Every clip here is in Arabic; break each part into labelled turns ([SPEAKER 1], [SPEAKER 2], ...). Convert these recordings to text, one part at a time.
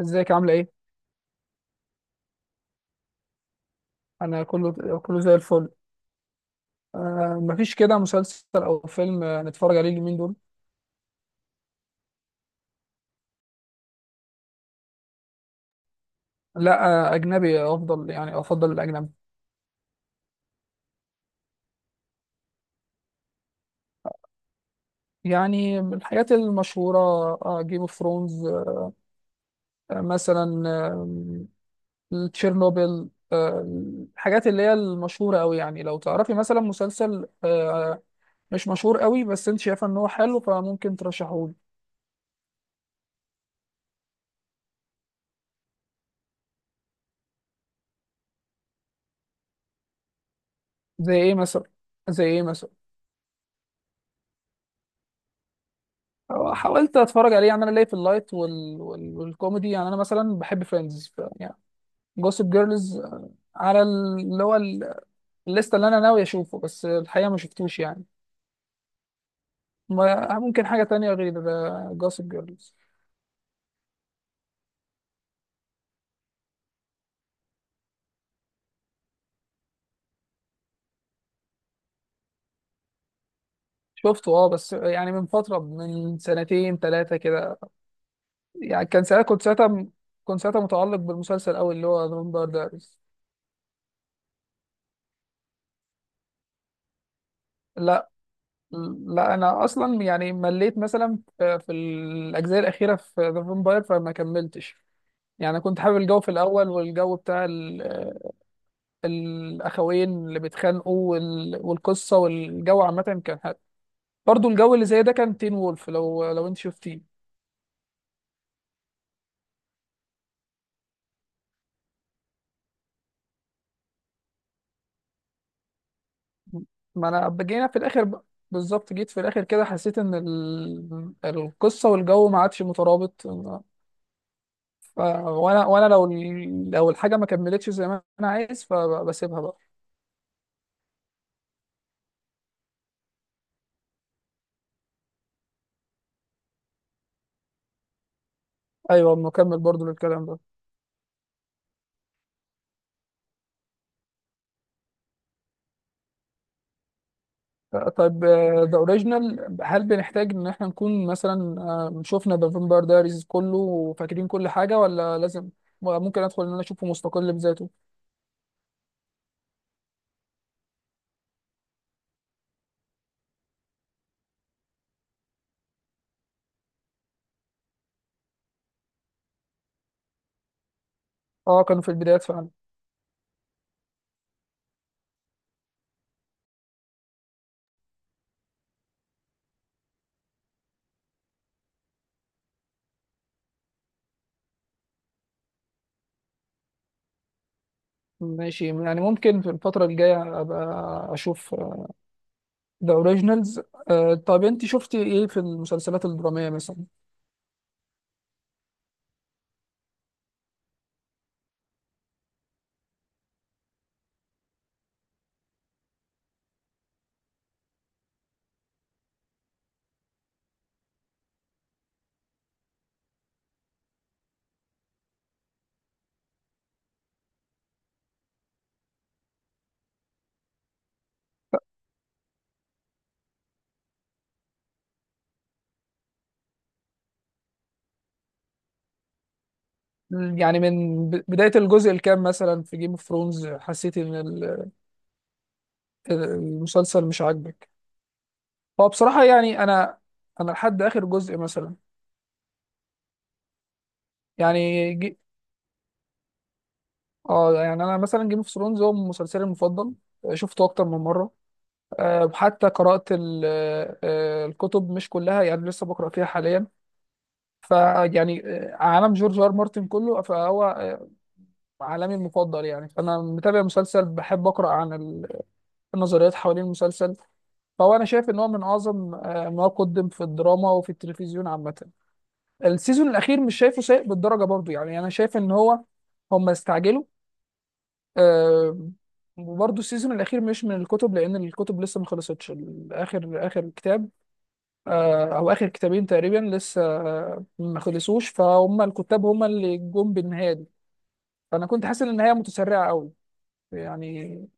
[SPEAKER 1] ازيك عاملة ايه؟ انا كله كله زي الفل. مفيش كده مسلسل او فيلم نتفرج عليه اليومين دول. لا. اجنبي افضل، يعني افضل الاجنبي. يعني من الحاجات المشهورة، جيم اوف ثرونز، مثلا، تشيرنوبل الحاجات اللي هي المشهورة قوي. يعني لو تعرفي مثلا مسلسل مش مشهور قوي بس انت شايفة ان هو حلو، فممكن ترشحه لي. زي ايه مثلا زي ايه مثلا؟ حاولت اتفرج عليه. يعني انا ليا في اللايت والكوميدي. يعني انا مثلا بحب فريندز يعني. جوسب جيرلز. على الليسته اللي انا ناوي اشوفه بس الحقيقه ما شفتوش. يعني ممكن حاجه تانية غير جوسب جيرلز. شفته، اه، بس يعني من فتره، من سنتين ثلاثه كده. يعني كان ساعتها كنت ساعتها م- كنت ساعتها متعلق بالمسلسل قوي، اللي هو فامباير دايريز. لا، لا، انا اصلا يعني مليت مثلا في الاجزاء الاخيره في ذا فامباير، فما كملتش. يعني أنا كنت حابب الجو في الأول، والجو بتاع الأخوين اللي بيتخانقوا والقصة والجو عامة كان حلو. برضو الجو اللي زي ده كان تين وولف، لو أنت شفتيه. ما أنا جينا في الآخر بقى- بالظبط، جيت في الآخر كده حسيت إن القصة والجو ما عادش مترابط. وأنا لو الحاجة ما كملتش زي ما أنا عايز، فبسيبها بقى. أيوه، نكمل برضو للكلام ده. طيب، ذا اوريجينال هل بنحتاج ان احنا نكون مثلا شفنا ذا فامباير دايريز كله وفاكرين كل حاجه، ولا لازم ممكن ادخل ان انا اشوفه مستقل بذاته؟ اه، كانوا في البدايات فعلا. ماشي، يعني ممكن في الفتره الجايه ابقى اشوف ذا اوريجينالز. طيب انت شفتي ايه في المسلسلات الدراميه مثلا؟ يعني من بدايه الجزء الكام مثلا في جيم اوف ثرونز حسيتي ان المسلسل مش عاجبك؟ هو بصراحه يعني انا لحد اخر جزء مثلا. يعني جي... اه يعني انا مثلا جيم اوف ثرونز هو مسلسلي المفضل. شفته اكتر من مره. أه، حتى قرات الكتب، مش كلها يعني، لسه بقرا فيها حاليا. فيعني عالم جورج ار مارتن كله، فهو عالمي المفضل. يعني فانا متابع مسلسل، بحب اقرا عن النظريات حوالين المسلسل. فهو انا شايف ان هو من اعظم ما قدم في الدراما وفي التلفزيون عامه. السيزون الاخير مش شايفه سيء بالدرجه، برضو يعني انا شايف ان هو هم استعجلوا. آه، وبرضه السيزون الأخير مش من الكتب، لأن الكتب لسه ما خلصتش. آخر آخر كتاب، أو آخر كتابين تقريبا لسه ما خلصوش، فهم الكتاب هم اللي جم بالنهاية دي. فأنا كنت حاسس إن النهاية متسرعة أوي، يعني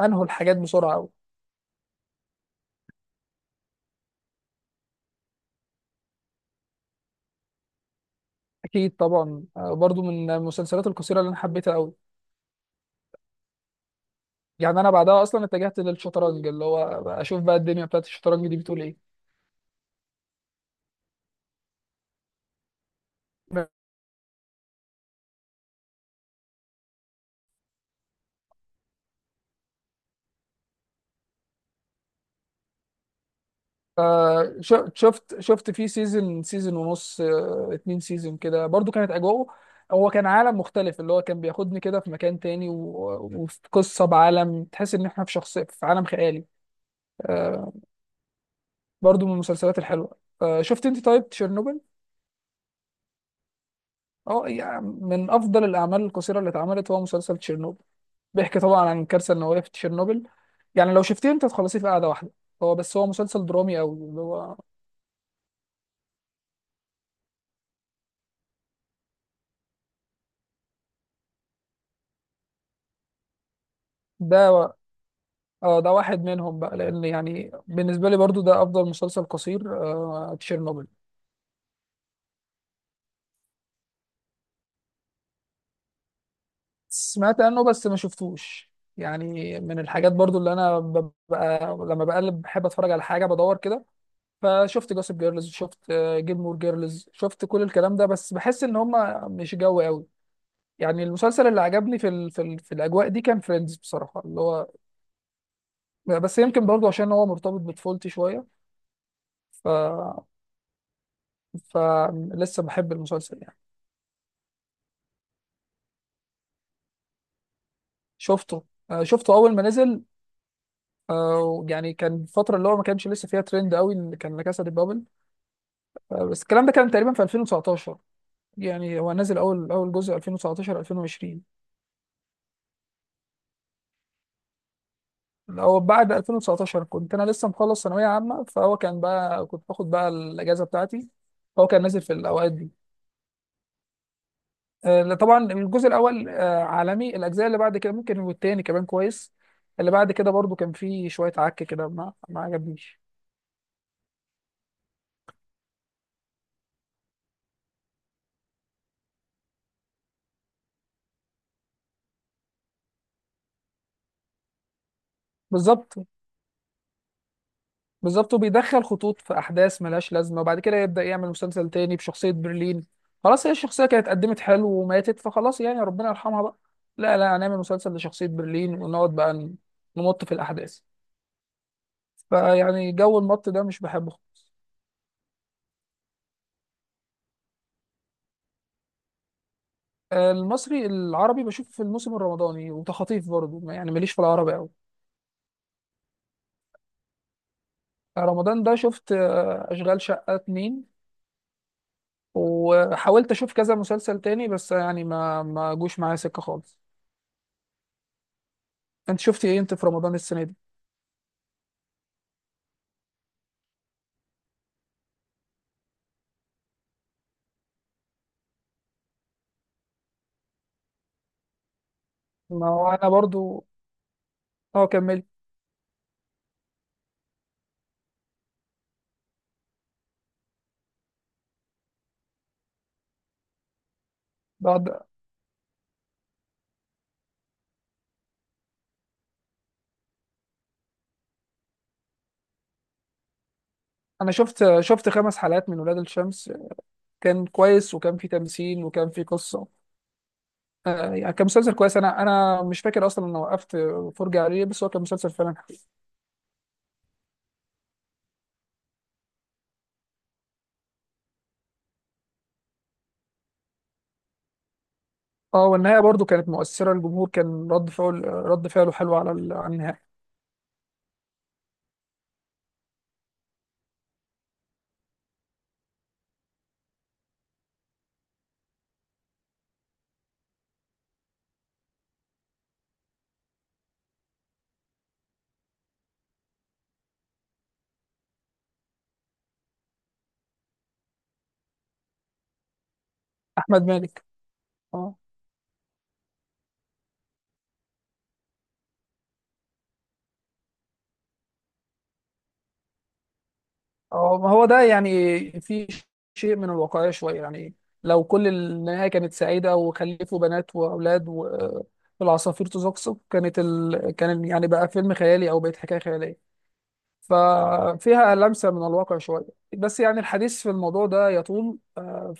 [SPEAKER 1] أنهوا الحاجات بسرعة أوي. أكيد طبعا، برضه من المسلسلات القصيرة اللي أنا حبيتها أوي. يعني أنا بعدها أصلا اتجهت للشطرنج، اللي هو أشوف بقى الدنيا بتاعت الشطرنج دي بتقول إيه. شفت فيه سيزون ونص، اتنين سيزون كده، برضو كانت اجواءه. هو كان عالم مختلف اللي هو كان بياخدني كده في مكان تاني، وفي قصة بعالم تحس ان احنا في شخصية في عالم خيالي. آه، برضو من المسلسلات الحلوة. شفت انت طيب تشيرنوبل؟ اه، يعني من افضل الاعمال القصيرة اللي اتعملت هو مسلسل تشيرنوبل. بيحكي طبعا عن الكارثة النووية في تشيرنوبل. يعني لو شفتيه انت هتخلصيه في قعدة واحدة. هو بس هو مسلسل درامي قوي اللي هو ده. اه، ده واحد منهم بقى، لان يعني بالنسبه لي برضو ده افضل مسلسل قصير، تشيرنوبل. سمعت عنه بس ما شفتوش. يعني من الحاجات برضو اللي انا ببقى لما بقلب بحب اتفرج على حاجه بدور كده، فشفت جوسب جيرلز، شفت جيلمور جيرلز، شفت كل الكلام ده، بس بحس ان هم مش جو قوي. يعني المسلسل اللي عجبني في ال في, ال في الاجواء دي كان فريندز بصراحه اللي هو، بس يمكن برضو عشان هو مرتبط بطفولتي شويه. ف فلسه بحب المسلسل يعني. شفته، شفته اول ما نزل. يعني كان الفتره اللي هو ما كانش لسه فيها ترند قوي اللي كان لا كاسا دي بابل. بس الكلام ده كان تقريبا في 2019، يعني هو نزل اول اول جزء 2019 2020. هو بعد 2019 كنت انا لسه مخلص ثانويه عامه، فهو كان بقى كنت باخد بقى الاجازه بتاعتي، فهو كان نازل في الاوقات دي. طبعا الجزء الاول، عالمي، الاجزاء اللي بعد كده ممكن، والتاني كمان كويس. اللي بعد كده برضو كان فيه شويه عك كده، ما عجبنيش. بالظبط، بالظبط، وبيدخل خطوط في احداث ملهاش لازمه، وبعد كده يبدا يعمل مسلسل تاني بشخصيه برلين. خلاص، هي الشخصيه كانت قدمت حلو وماتت، فخلاص يعني ربنا يرحمها بقى. لا، لا، هنعمل مسلسل لشخصيه برلين ونقعد بقى نمط في الاحداث. فيعني جو المط ده مش بحبه خالص. المصري العربي بشوف في الموسم الرمضاني وتخاطيف برضه، يعني ماليش في العربي قوي. رمضان ده شفت اشغال شقه اتنين، وحاولت اشوف كذا مسلسل تاني بس يعني ما جوش معايا سكه خالص. انت شفت ايه انت في رمضان السنه دي؟ ما هو انا برضو، اه، كمل. بعد. انا شفت خمس حلقات من ولاد الشمس، كان كويس وكان في تمثيل وكان في قصه. آه يعني كان مسلسل كويس، انا مش فاكر اصلا انا وقفت فرجه عليه، بس هو كان مسلسل فعلا حلو. اه، والنهايه برضو كانت مؤثره، الجمهور كان رد فعله حلو على على النهايه. احمد مالك. اه، أو ما هو ده يعني في شيء من الواقعية شوية. يعني لو كل النهاية كانت سعيدة وخلفوا بنات وأولاد والعصافير تزقزق، كانت كان يعني بقى فيلم خيالي، أو بقت حكاية خيالية. ففيها لمسة من الواقع شوية. بس يعني الحديث في الموضوع ده يطول،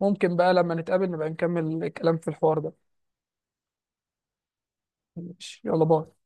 [SPEAKER 1] فممكن بقى لما نتقابل نبقى نكمل الكلام في الحوار ده. ماشي، يلا باي.